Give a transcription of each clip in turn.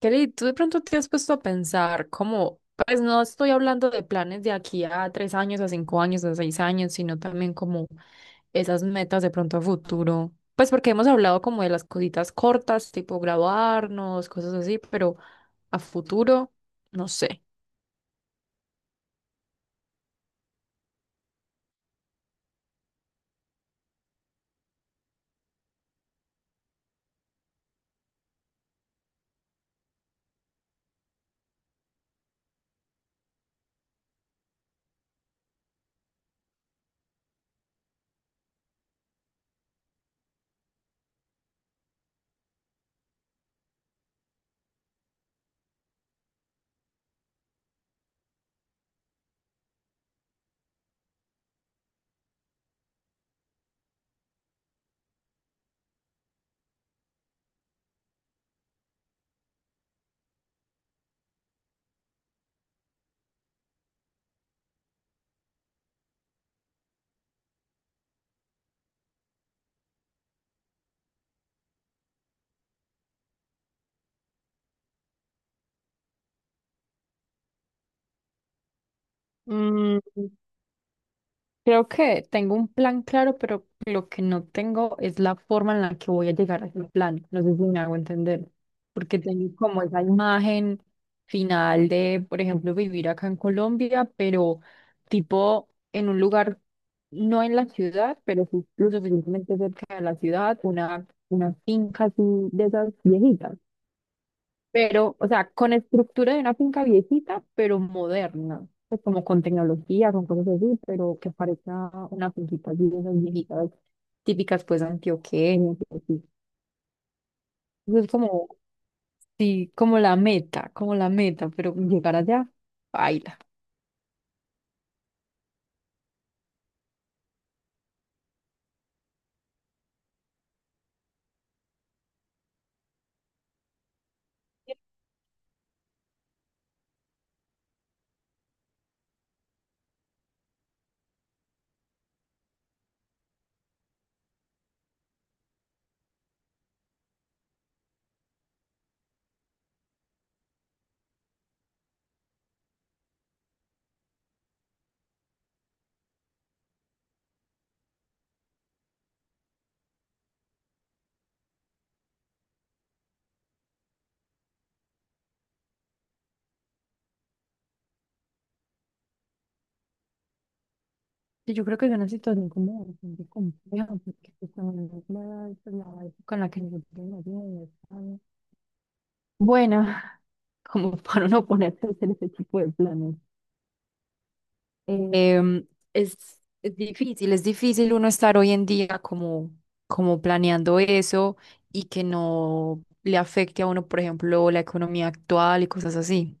Kelly, tú de pronto te has puesto a pensar como, pues no estoy hablando de planes de aquí a 3 años, a 5 años, a 6 años, sino también como esas metas de pronto a futuro. Pues porque hemos hablado como de las cositas cortas, tipo graduarnos, cosas así, pero a futuro, no sé. Mm, Creo que tengo un plan claro, pero lo que no tengo es la forma en la que voy a llegar a ese plan. No sé si me hago entender, porque tengo como esa imagen final de, por ejemplo, vivir acá en Colombia, pero tipo en un lugar, no en la ciudad, pero sí lo suficientemente cerca de la ciudad, una finca así de esas viejitas pero, o sea, con estructura de una finca viejita, pero moderna, pues como con tecnología, con cosas así, pero que parezca una finquita así, de esas viejitas típicas, pues, antioqueñas, y así. Eso es como, sí, como la meta, pero llegar allá, baila. Sí, yo creo que es una situación como bastante compleja, porque pues, también es la época en la que nosotros nacimos, es buena como para uno ponerse a hacer ese tipo de planes. Em, es, es difícil, es difícil uno estar hoy en día como planeando eso y que no le afecte a uno, por ejemplo, la economía actual y cosas así.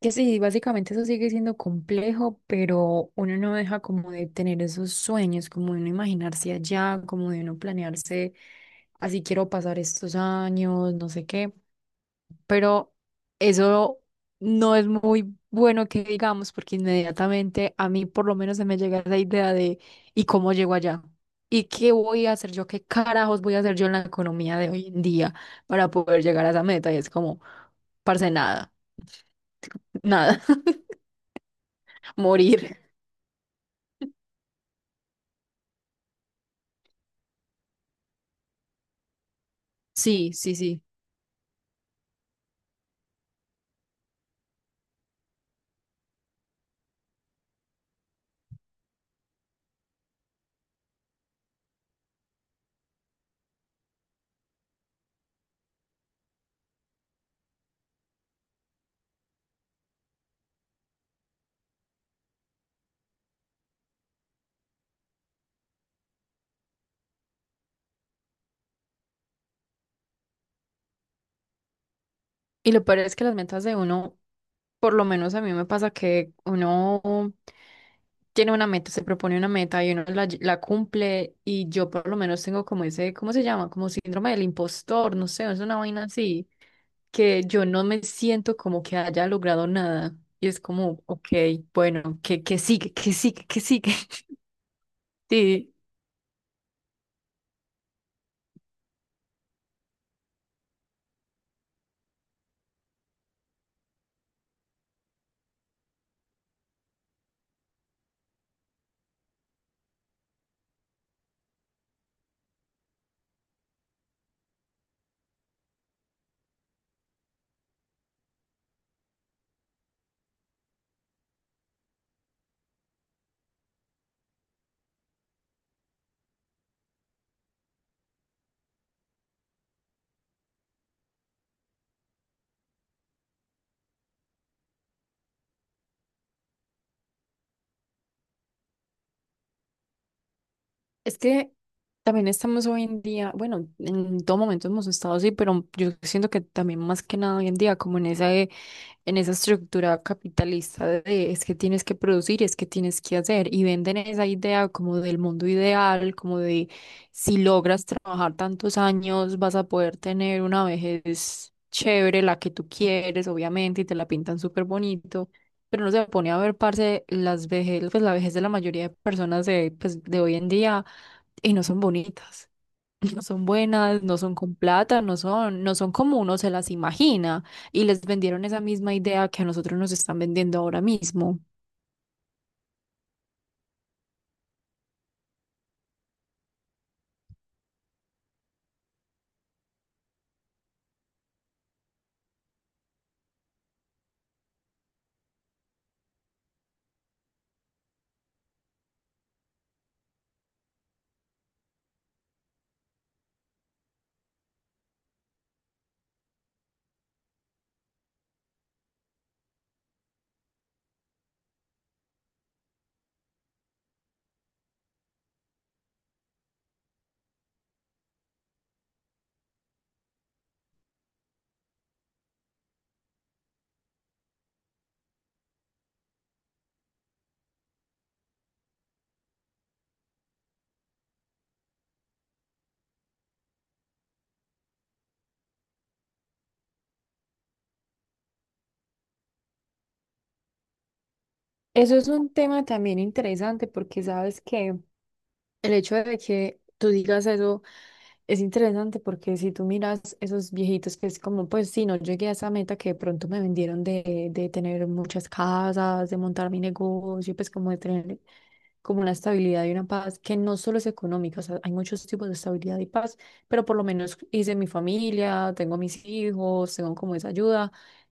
Que sí, básicamente eso sigue siendo complejo, pero uno no deja como de tener esos sueños, como de uno imaginarse allá, como de uno planearse, así quiero pasar estos años, no sé qué. Pero eso no es muy bueno que digamos, porque inmediatamente a mí por lo menos se me llega esa idea de ¿y cómo llego allá? ¿Y qué voy a hacer yo? ¿Qué carajos voy a hacer yo en la economía de hoy en día para poder llegar a esa meta? Y es como, parce, nada, nada, morir. Sí, sí, sí. Y lo peor es que las metas de uno, por lo menos a mí me pasa que uno tiene una meta, se propone una meta y uno la cumple y yo por lo menos tengo como ese, ¿cómo se llama? Como síndrome del impostor, no sé, es una vaina así, que yo no me siento como que haya logrado nada. Y es como, ok, bueno, que sigue, que sigue, que sigue. Sí. Es que también estamos hoy en día, bueno, en todo momento hemos estado así, pero yo siento que también más que nada hoy en día, como en esa, en esa estructura capitalista de es que tienes que producir, es que tienes que hacer, y venden esa idea como del mundo ideal, como de si logras trabajar tantos años, vas a poder tener una vejez chévere, la que tú quieres, obviamente, y te la pintan súper bonito. Pero no se pone a ver, parce, las vejez, pues la vejez de la mayoría de personas de hoy en día y no son bonitas, no son buenas, no son con plata, no son como uno se las imagina y les vendieron esa misma idea que a nosotros nos están vendiendo ahora mismo. Eso es un tema también interesante porque sabes que el hecho de que tú digas eso es interesante porque si tú miras esos viejitos que es como, pues sí, no llegué a esa meta que de pronto me vendieron de tener muchas casas, de montar mi negocio, pues como de tener como una estabilidad y una paz que no solo es económica, o sea, hay muchos tipos de estabilidad y paz, pero por lo menos hice mi familia, tengo mis hijos, tengo como esa ayuda.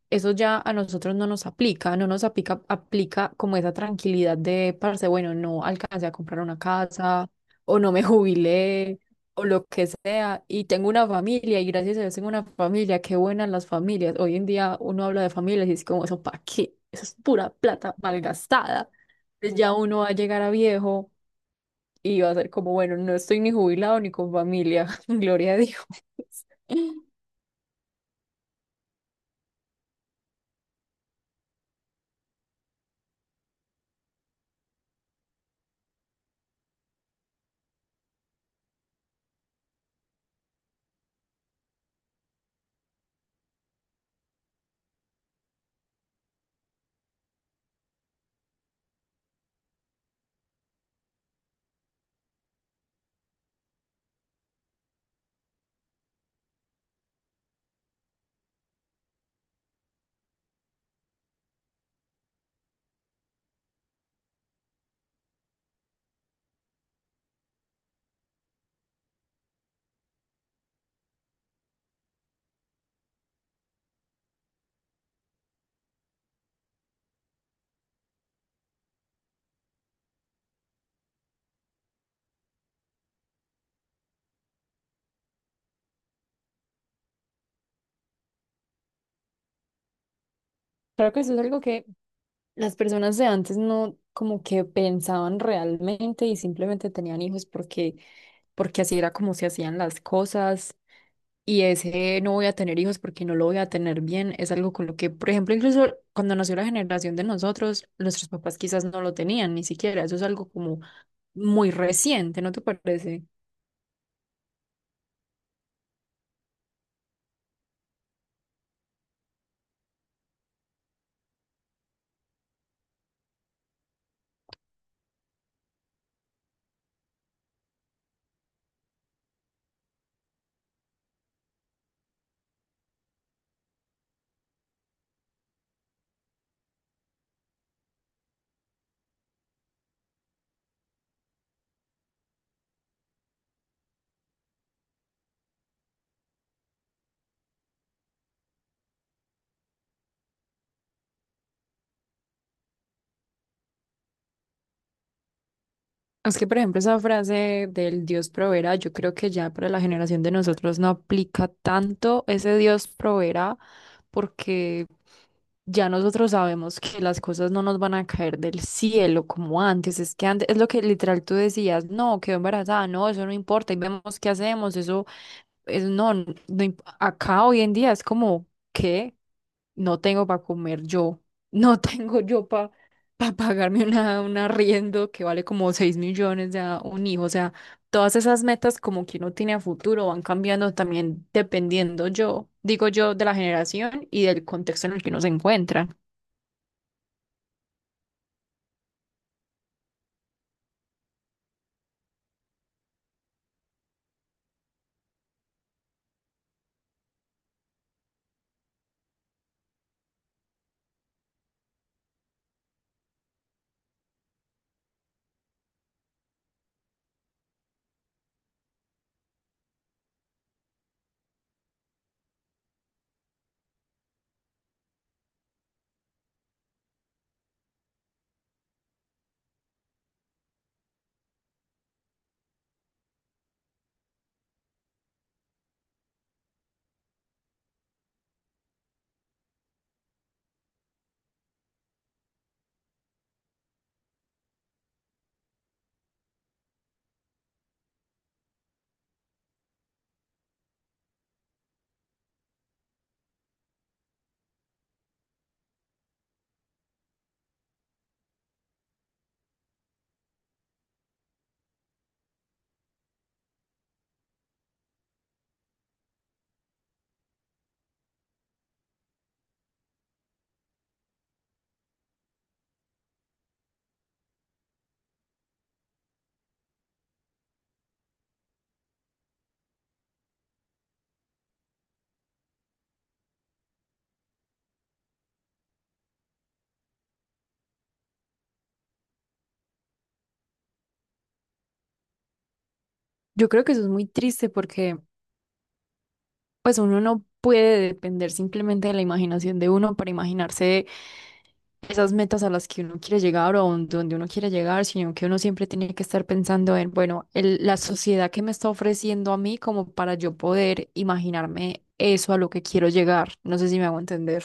Eso ya a nosotros no nos aplica, no nos aplica, aplica como esa tranquilidad de, parce, bueno, no alcancé a comprar una casa o no me jubilé o lo que sea, y tengo una familia, y gracias a Dios tengo una familia, qué buenas las familias. Hoy en día uno habla de familias y es como, ¿eso para qué? Eso es pura plata malgastada, pues ya uno va a llegar a viejo y va a ser como, bueno, no estoy ni jubilado ni con familia, gloria a Dios. Creo que eso es algo que las personas de antes no como que pensaban realmente y simplemente tenían hijos porque, porque así era como se hacían las cosas. Y ese no voy a tener hijos porque no lo voy a tener bien es algo con lo que, por ejemplo, incluso cuando nació la generación de nosotros, nuestros papás quizás no lo tenían ni siquiera. Eso es algo como muy reciente, ¿no te parece? Es que, por ejemplo, esa frase del Dios proveerá, yo creo que ya para la generación de nosotros no aplica tanto ese Dios proveerá, porque ya nosotros sabemos que las cosas no nos van a caer del cielo como antes. Es que antes, es lo que literal tú decías, no, quedó embarazada, no, eso no importa, y vemos qué hacemos, eso no acá hoy en día es como que no tengo para comer yo, no tengo yo para pagarme una, un arriendo que vale como 6 millones de a un hijo. O sea, todas esas metas como que uno tiene a futuro van cambiando también dependiendo yo, digo yo, de la generación y del contexto en el que uno se encuentra. Yo creo que eso es muy triste porque pues uno no puede depender simplemente de la imaginación de uno para imaginarse esas metas a las que uno quiere llegar o donde uno quiere llegar, sino que uno siempre tiene que estar pensando en, bueno, la sociedad que me está ofreciendo a mí como para yo poder imaginarme eso a lo que quiero llegar. No sé si me hago entender.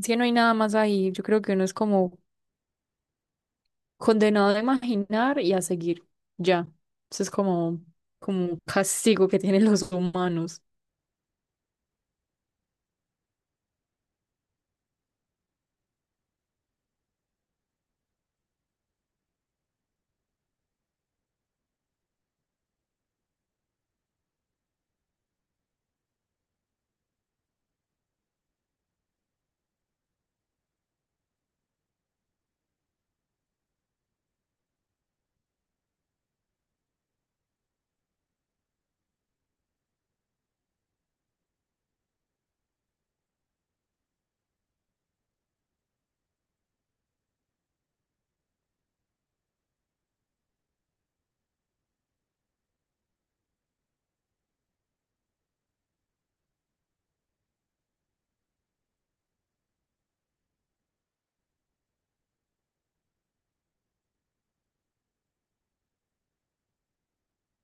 Si no hay nada más ahí, yo creo que uno es como condenado a imaginar y a seguir. Ya. Eso es como, como un castigo que tienen los humanos.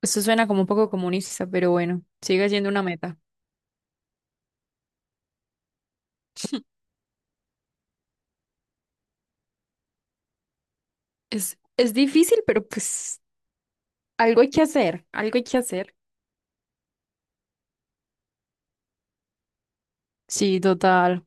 Eso suena como un poco comunista, pero bueno, sigue siendo una meta. Es difícil, pero pues algo hay que hacer, algo hay que hacer. Sí, total.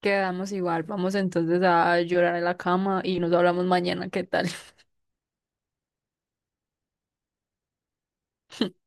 Quedamos igual. Vamos entonces a llorar en la cama y nos hablamos mañana. ¿Qué tal?